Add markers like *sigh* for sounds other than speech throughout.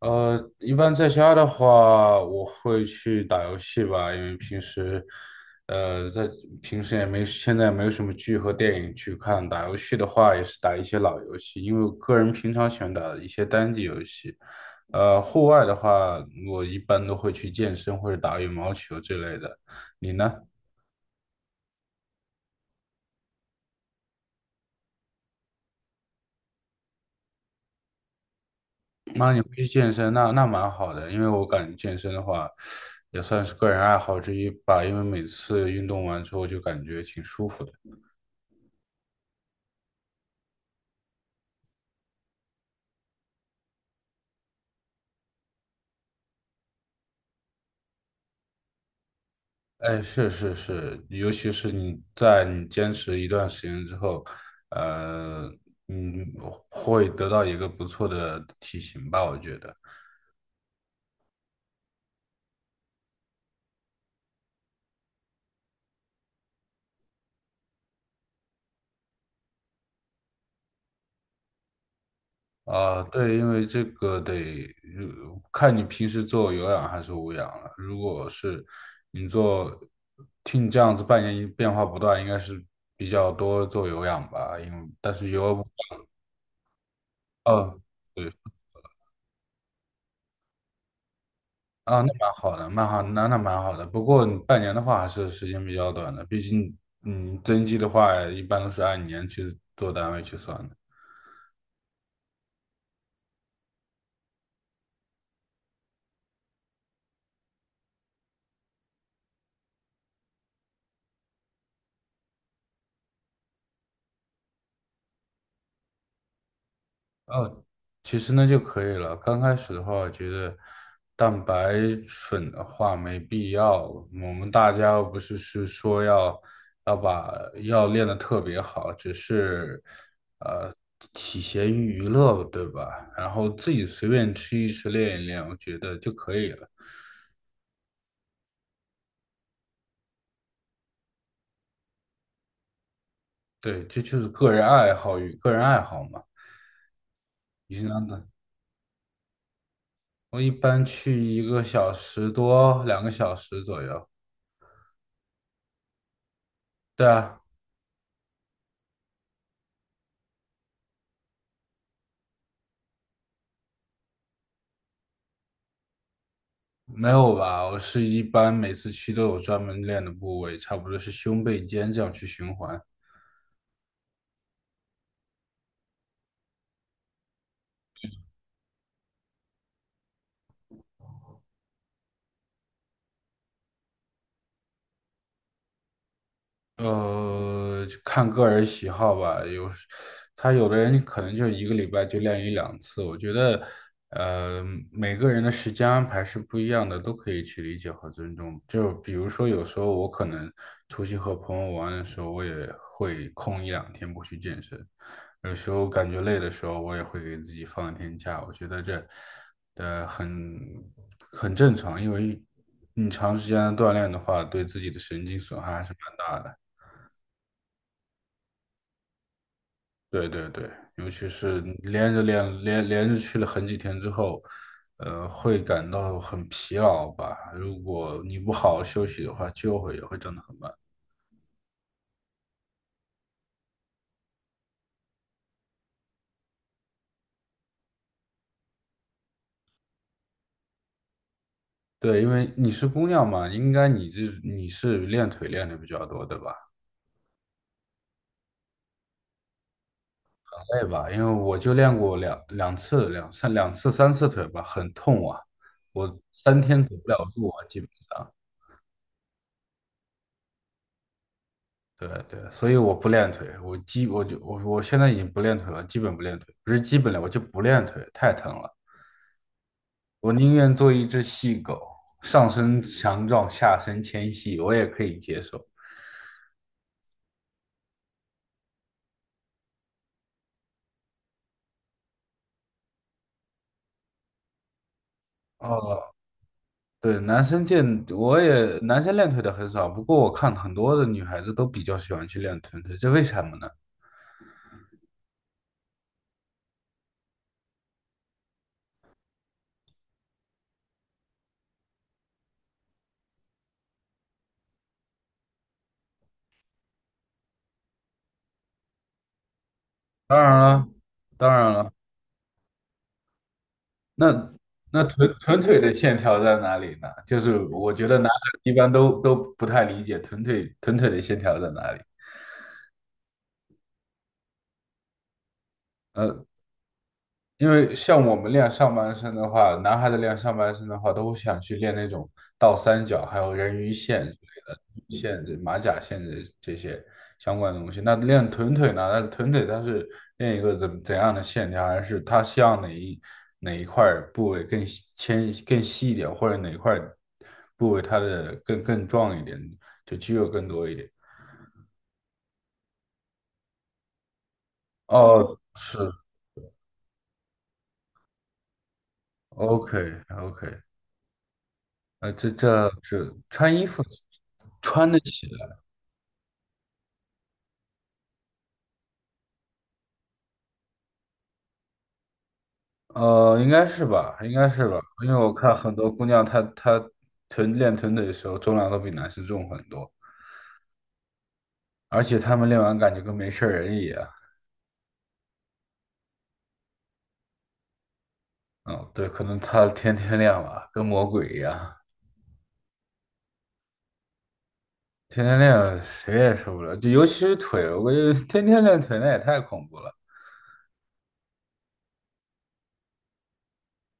一般在家的话，我会去打游戏吧，因为平时，呃，在平时也没，现在没有什么剧和电影去看。打游戏的话，也是打一些老游戏，因为我个人平常喜欢打一些单机游戏。户外的话，我一般都会去健身或者打羽毛球之类的。你呢？那你会去健身，那蛮好的，因为我感觉健身的话，也算是个人爱好之一吧，因为每次运动完之后就感觉挺舒服的。哎，是是是，尤其是你坚持一段时间之后，呃，嗯，会得到一个不错的体型吧，我觉得。啊，对，因为这个得看你平时做有氧还是无氧了。如果是你做，听你这样子半年一变化不断，应该是比较多做有氧吧，因为但是有，哦，啊，那蛮好的，蛮好，那蛮好的。不过你半年的话，还是时间比较短的，毕竟，增肌的话，一般都是按年去做单位去算的。哦，其实那就可以了。刚开始的话，我觉得蛋白粉的话没必要。我们大家又不是说要要把练得特别好，只是呃体闲于娱乐，对吧？然后自己随便吃一吃，练一练，我觉得就可以了。对，这就是个人爱好与个人爱好嘛。你是哪的？我一般去一个小时多，2个小时左右。对啊。没有吧？我是一般每次去都有专门练的部位，差不多是胸背肩这样去循环。看个人喜好吧。有时他有的人可能就一个礼拜就练一两次。我觉得，呃，每个人的时间安排是不一样的，都可以去理解和尊重。就比如说，有时候我可能出去和朋友玩的时候，我也会空一两天不去健身。有时候感觉累的时候，我也会给自己放一天假。我觉得这，呃，很很正常，因为你长时间的锻炼的话，对自己的神经损害还是蛮大的。对对对，尤其是连着去了很几天之后，会感到很疲劳吧。如果你不好好休息的话，就会也会长得很慢。对，因为你是姑娘嘛，应该你是练腿练的比较多，对吧？很累吧，因为我就练过两两次、两三两次、三次腿吧，很痛啊，我三天走不了路啊，基本上。对对，所以我不练腿，我基我就我我现在已经不练腿了，基本不练腿，不是基本练，我就不练腿，太疼了。我宁愿做一只细狗，上身强壮，下身纤细，我也可以接受。哦，对，男生健，我也男生练腿的很少，不过我看很多的女孩子都比较喜欢去练臀腿，这为什么呢？当然了，当然了，那那臀腿的线条在哪里呢？就是我觉得男孩一般都不太理解臀腿的线条在哪里。呃因为像我们练上半身的话，男孩子练上半身的话，都会想去练那种倒三角，还有人鱼线之类的，鱼线、这马甲线的这些相关的东西。那练臀腿呢？那臀腿它是练一个怎样的线条，还是它希望哪一块部位更细一点，或者哪一块部位它的更壮一点，就肌肉更多一点？哦，是。 OK， OK。这是穿衣服穿得起。应该是吧，应该是吧，因为我看很多姑娘她练臀腿的时候，重量都比男生重很多，而且她们练完感觉跟没事儿人一样。嗯，对，可能她 *laughs* 天天练吧，跟魔鬼一样，天天练谁也受不了，就尤其是腿，我感觉天天练腿那也太恐怖了。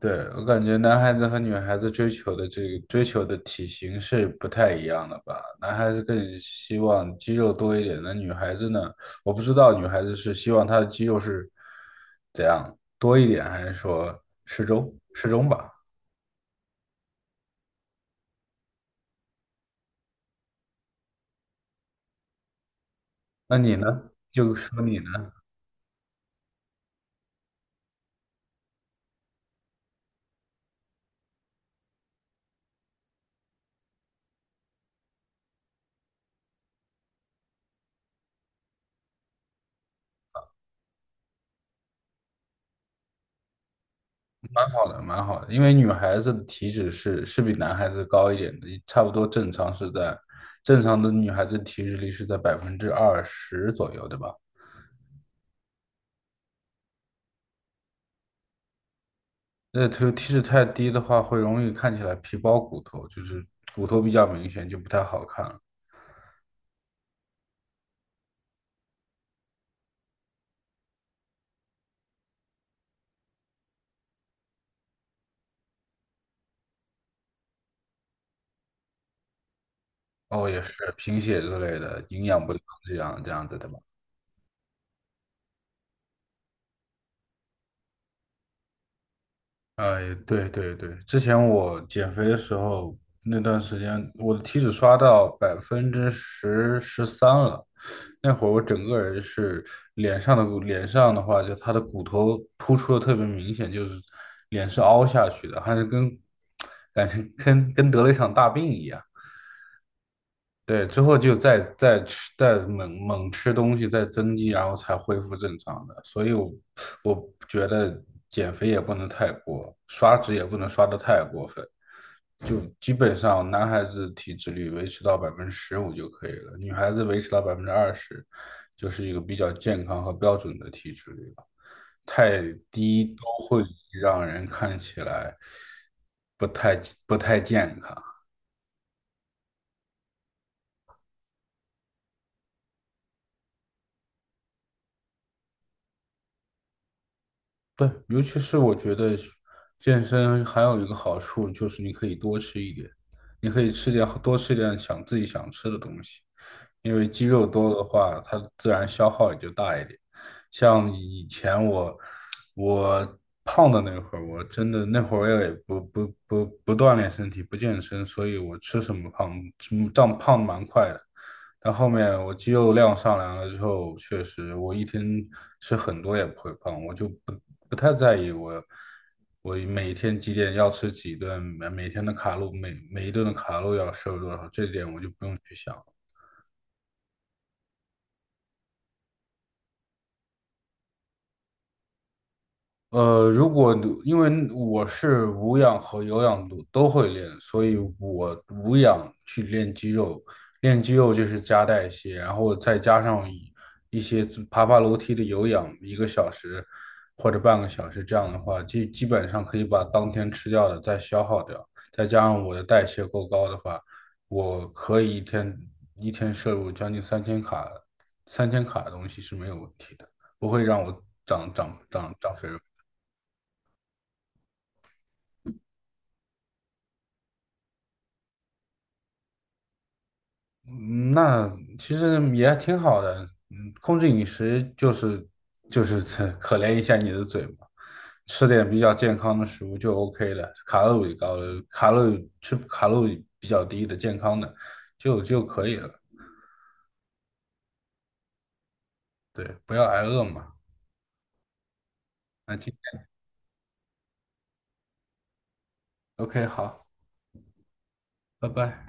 对，我感觉男孩子和女孩子追求的体型是不太一样的吧？男孩子更希望肌肉多一点，那女孩子呢？我不知道女孩子是希望她的肌肉是怎样多一点，还是说适中吧？那你呢？就说你呢，蛮好的，蛮好的，因为女孩子的体脂是比男孩子高一点的，差不多正常的女孩子体脂率是在百分之二十左右，对吧？那体脂太低的话，会容易看起来皮包骨头，就是骨头比较明显，就不太好看了。哦，也是贫血之类的，营养不良这样子的吧？哎，对对对，之前我减肥的时候，那段时间我的体脂刷到百分之十三了，那会儿我整个人是脸上的话，就他的骨头突出的特别明显，就是脸是凹下去的，还是跟感觉跟得了一场大病一样。对，之后就再吃，再猛吃东西，再增肌，然后才恢复正常的。所以我，我觉得减肥也不能太过，刷脂也不能刷的太过分。就基本上男孩子体脂率维持到15%就可以了，女孩子维持到百分之二十，就是一个比较健康和标准的体脂率了。太低都会让人看起来不太不太健康。对，尤其是我觉得健身还有一个好处就是你可以多吃一点，你可以多吃点想自己想吃的东西。因为肌肉多的话，它自然消耗也就大一点。像以前我胖的那会儿，我真的那会儿也不锻炼身体，不健身，所以我吃什么胖，长胖得蛮快的。但后面我肌肉量上来了之后，确实我一天吃很多也不会胖，我就不太在意我每天几点要吃几顿，每天的卡路每一顿的卡路要摄入多少，这点我就不用去想了。呃，如果因为我是无氧和有氧都会练，所以我无氧去练肌肉，练肌肉就是加代谢，然后再加上一些爬楼梯的有氧，一个小时或者半个小时，这样的话，基本上可以把当天吃掉的再消耗掉，再加上我的代谢够高的话，我可以一天摄入将近三千卡，三千卡的东西是没有问题的，不会让我长肥肉。嗯那其实也挺好的。嗯，控制饮食就是可怜一下你的嘴嘛，吃点比较健康的食物就 OK 了，卡路里高的，卡路里比较低的健康的就可以了。对，不要挨饿嘛。那今天 OK 好，拜拜。